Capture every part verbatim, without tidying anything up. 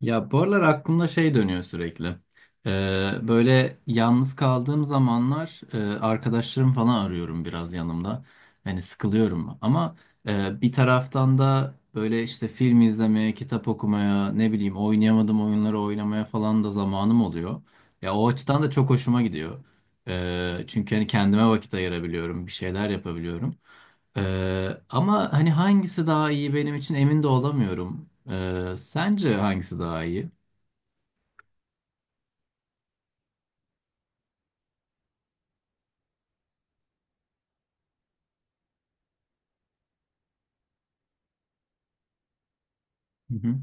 Ya bu aralar aklımda şey dönüyor sürekli. Ee, böyle yalnız kaldığım zamanlar e, arkadaşlarım falan arıyorum biraz yanımda. Hani sıkılıyorum ama e, bir taraftan da böyle işte film izlemeye, kitap okumaya, ne bileyim oynayamadığım oyunları oynamaya falan da zamanım oluyor. Ya o açıdan da çok hoşuma gidiyor. Ee, çünkü hani kendime vakit ayırabiliyorum, bir şeyler yapabiliyorum. Ee, ama hani hangisi daha iyi benim için emin de olamıyorum. Ee, sence hangisi daha iyi? Hı hı.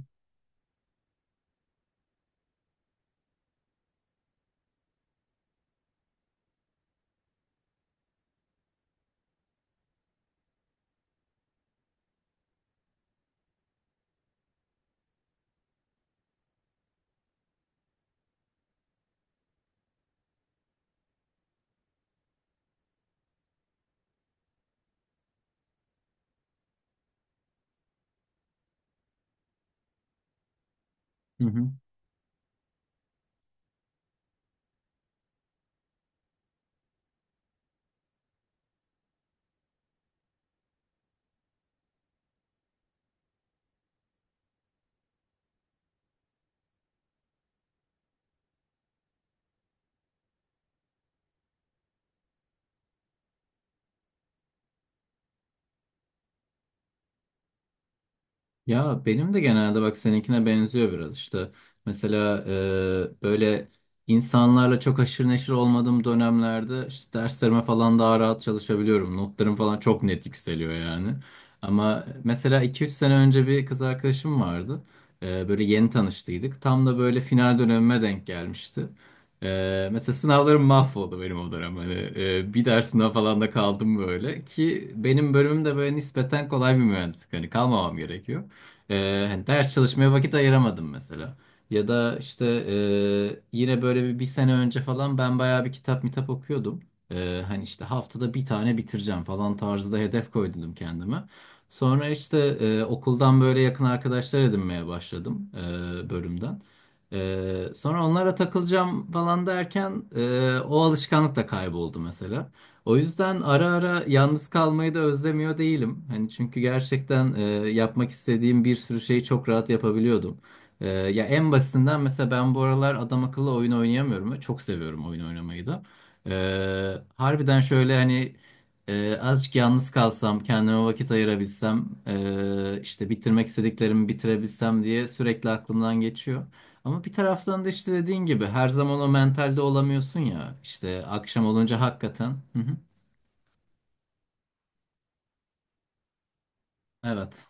Hı hı. Ya benim de genelde bak seninkine benziyor biraz işte. Mesela e, böyle insanlarla çok haşır neşir olmadığım dönemlerde işte derslerime falan daha rahat çalışabiliyorum. Notlarım falan çok net yükseliyor yani. Ama mesela iki üç sene önce bir kız arkadaşım vardı. E, böyle yeni tanıştıydık. Tam da böyle final dönemime denk gelmişti. E, mesela sınavlarım mahvoldu benim o dönem. Hani, e, bir dersimden falan da kaldım böyle. Ki benim bölümüm de böyle nispeten kolay bir mühendislik. Hani kalmamam gerekiyor. Ee, hani ders çalışmaya vakit ayıramadım mesela. Ya da işte e, yine böyle bir, bir sene önce falan ben bayağı bir kitap mitap okuyordum. Ee, hani işte haftada bir tane bitireceğim falan tarzda hedef koydum kendime. Sonra işte e, okuldan böyle yakın arkadaşlar edinmeye başladım e, bölümden. E, sonra onlara takılacağım falan derken e, o alışkanlık da kayboldu mesela. O yüzden ara ara yalnız kalmayı da özlemiyor değilim. Hani çünkü gerçekten e, yapmak istediğim bir sürü şeyi çok rahat yapabiliyordum. E, ya en basitinden mesela ben bu aralar adam akıllı oyun oynayamıyorum ve çok seviyorum oyun oynamayı da. E, Harbiden şöyle hani e, azıcık yalnız kalsam, kendime vakit ayırabilsem, e, işte bitirmek istediklerimi bitirebilsem diye sürekli aklımdan geçiyor. Ama bir taraftan da işte dediğin gibi her zaman o mentalde olamıyorsun ya. İşte akşam olunca hakikaten. Hı hı. Evet.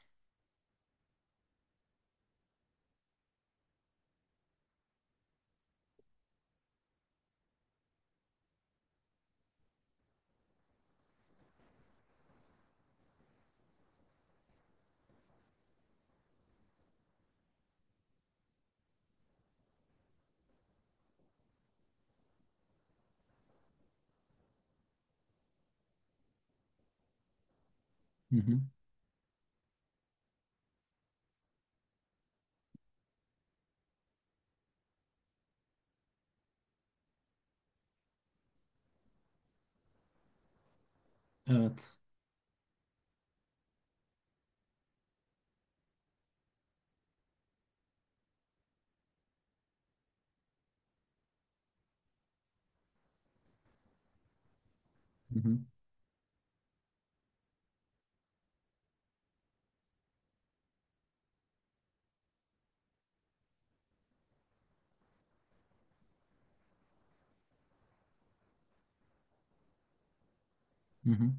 Hı hı. Evet. Hı hı. Hı hı.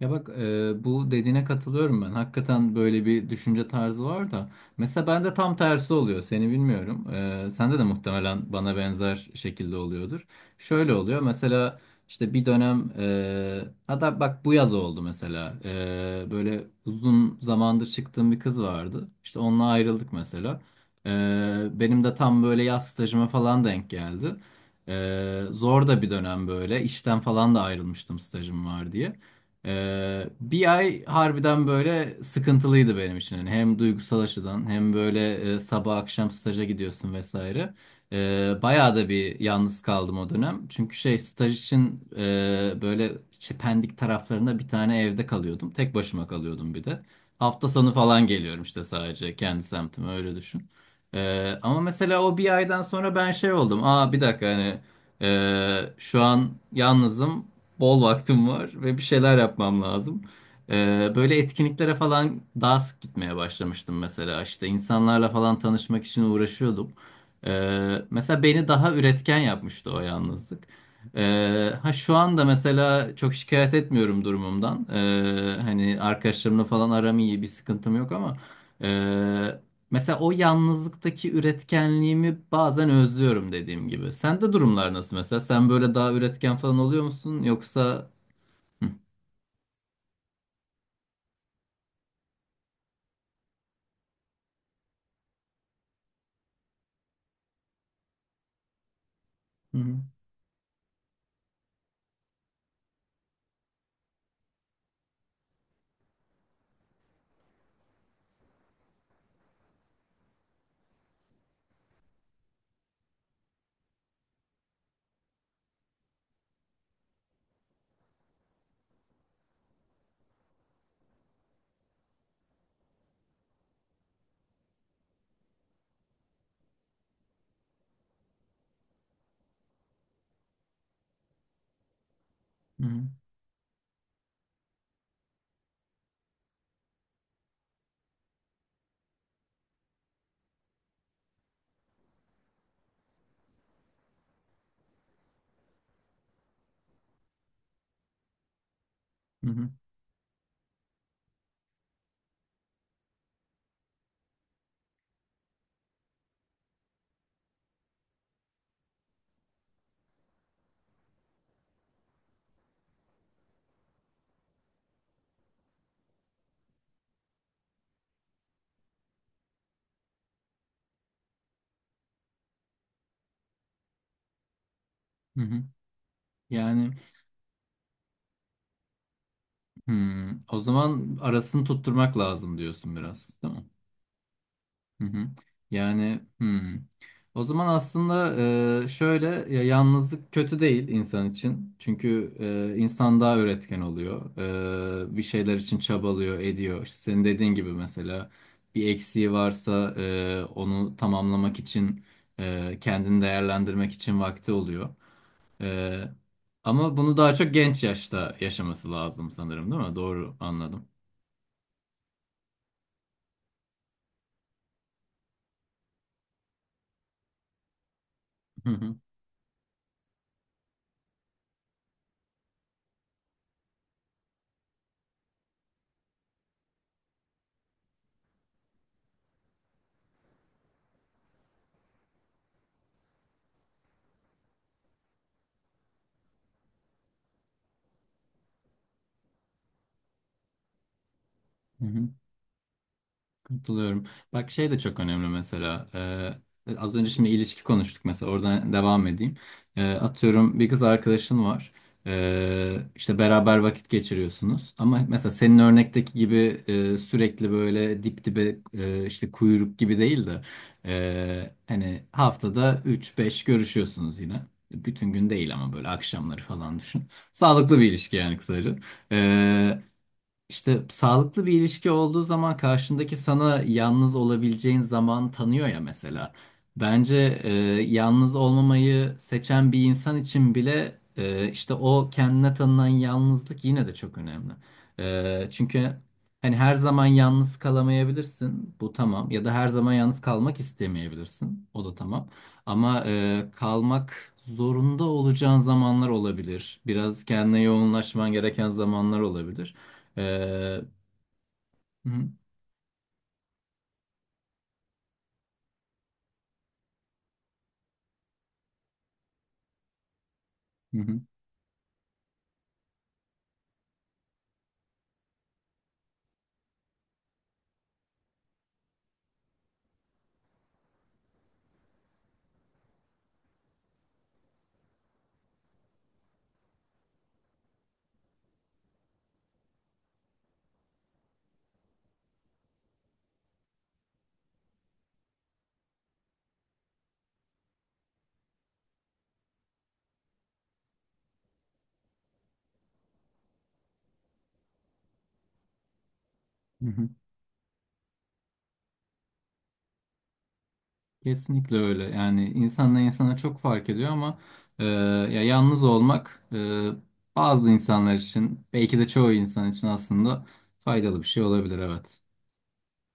Ya bak e, bu dediğine katılıyorum ben. Hakikaten böyle bir düşünce tarzı var da. Mesela bende tam tersi oluyor. Seni bilmiyorum. E, sende de muhtemelen bana benzer şekilde oluyordur. Şöyle oluyor. Mesela işte bir dönem e, hatta bak bu yaz oldu mesela. E, böyle uzun zamandır çıktığım bir kız vardı. İşte onunla ayrıldık mesela. E, Benim de tam böyle yaz stajıma falan denk geldi. E, zor da bir dönem böyle. İşten falan da ayrılmıştım stajım var diye. Ee, bir ay harbiden böyle sıkıntılıydı benim için. Yani hem duygusal açıdan hem böyle e, sabah akşam staja gidiyorsun vesaire. Ee, bayağı da bir yalnız kaldım o dönem. Çünkü şey staj için e, böyle işte Pendik taraflarında bir tane evde kalıyordum. Tek başıma kalıyordum bir de. Hafta sonu falan geliyorum işte sadece kendi semtime öyle düşün. Ee, ama mesela o bir aydan sonra ben şey oldum. Aa bir dakika hani e, şu an yalnızım, bol vaktim var ve bir şeyler yapmam lazım. Ee, böyle etkinliklere falan daha sık gitmeye başlamıştım mesela. İşte insanlarla falan tanışmak için uğraşıyordum. Ee, mesela beni daha üretken yapmıştı o yalnızlık. Ee, ha, şu anda mesela çok şikayet etmiyorum durumumdan. Ee, hani arkadaşlarımla falan aram iyi, bir sıkıntım yok ama. e, Mesela o yalnızlıktaki üretkenliğimi bazen özlüyorum dediğim gibi. Sende durumlar nasıl mesela? Sen böyle daha üretken falan oluyor musun? Yoksa. Hı, hı, hı, hı, hı, hı. Yani hmm, o zaman arasını tutturmak lazım diyorsun biraz, değil mi? Hı hı. Yani hmm. O zaman aslında e, şöyle, ya yalnızlık kötü değil insan için. Çünkü e, insan daha üretken oluyor. E, bir şeyler için çabalıyor, ediyor. İşte senin dediğin gibi mesela bir eksiği varsa e, onu tamamlamak için, e, kendini değerlendirmek için vakti oluyor. E, Ama bunu daha çok genç yaşta yaşaması lazım sanırım, değil mi? Doğru anladım. Hı hı. Hı hı. Katılıyorum. Bak şey de çok önemli mesela. Ee, az önce şimdi ilişki konuştuk mesela, oradan devam edeyim. Ee, atıyorum bir kız arkadaşın var. Ee, işte beraber vakit geçiriyorsunuz. Ama mesela senin örnekteki gibi e, sürekli böyle dip dibe, e, işte kuyruk gibi değil de, e, hani haftada üç beş görüşüyorsunuz yine. Bütün gün değil ama böyle akşamları falan düşün. Sağlıklı bir ilişki yani kısaca. İşte sağlıklı bir ilişki olduğu zaman karşındaki sana yalnız olabileceğin zaman tanıyor ya mesela. Bence e, yalnız olmamayı seçen bir insan için bile e, işte o kendine tanınan yalnızlık yine de çok önemli. E, çünkü hani her zaman yalnız kalamayabilirsin, bu tamam. Ya da her zaman yalnız kalmak istemeyebilirsin, o da tamam. Ama e, kalmak zorunda olacağın zamanlar olabilir. Biraz kendine yoğunlaşman gereken zamanlar olabilir. Ee, hı hı, hı hı, hı hı. Kesinlikle öyle. Yani insanla insana çok fark ediyor ama e, ya yalnız olmak, e, bazı insanlar için belki de çoğu insan için aslında faydalı bir şey olabilir evet.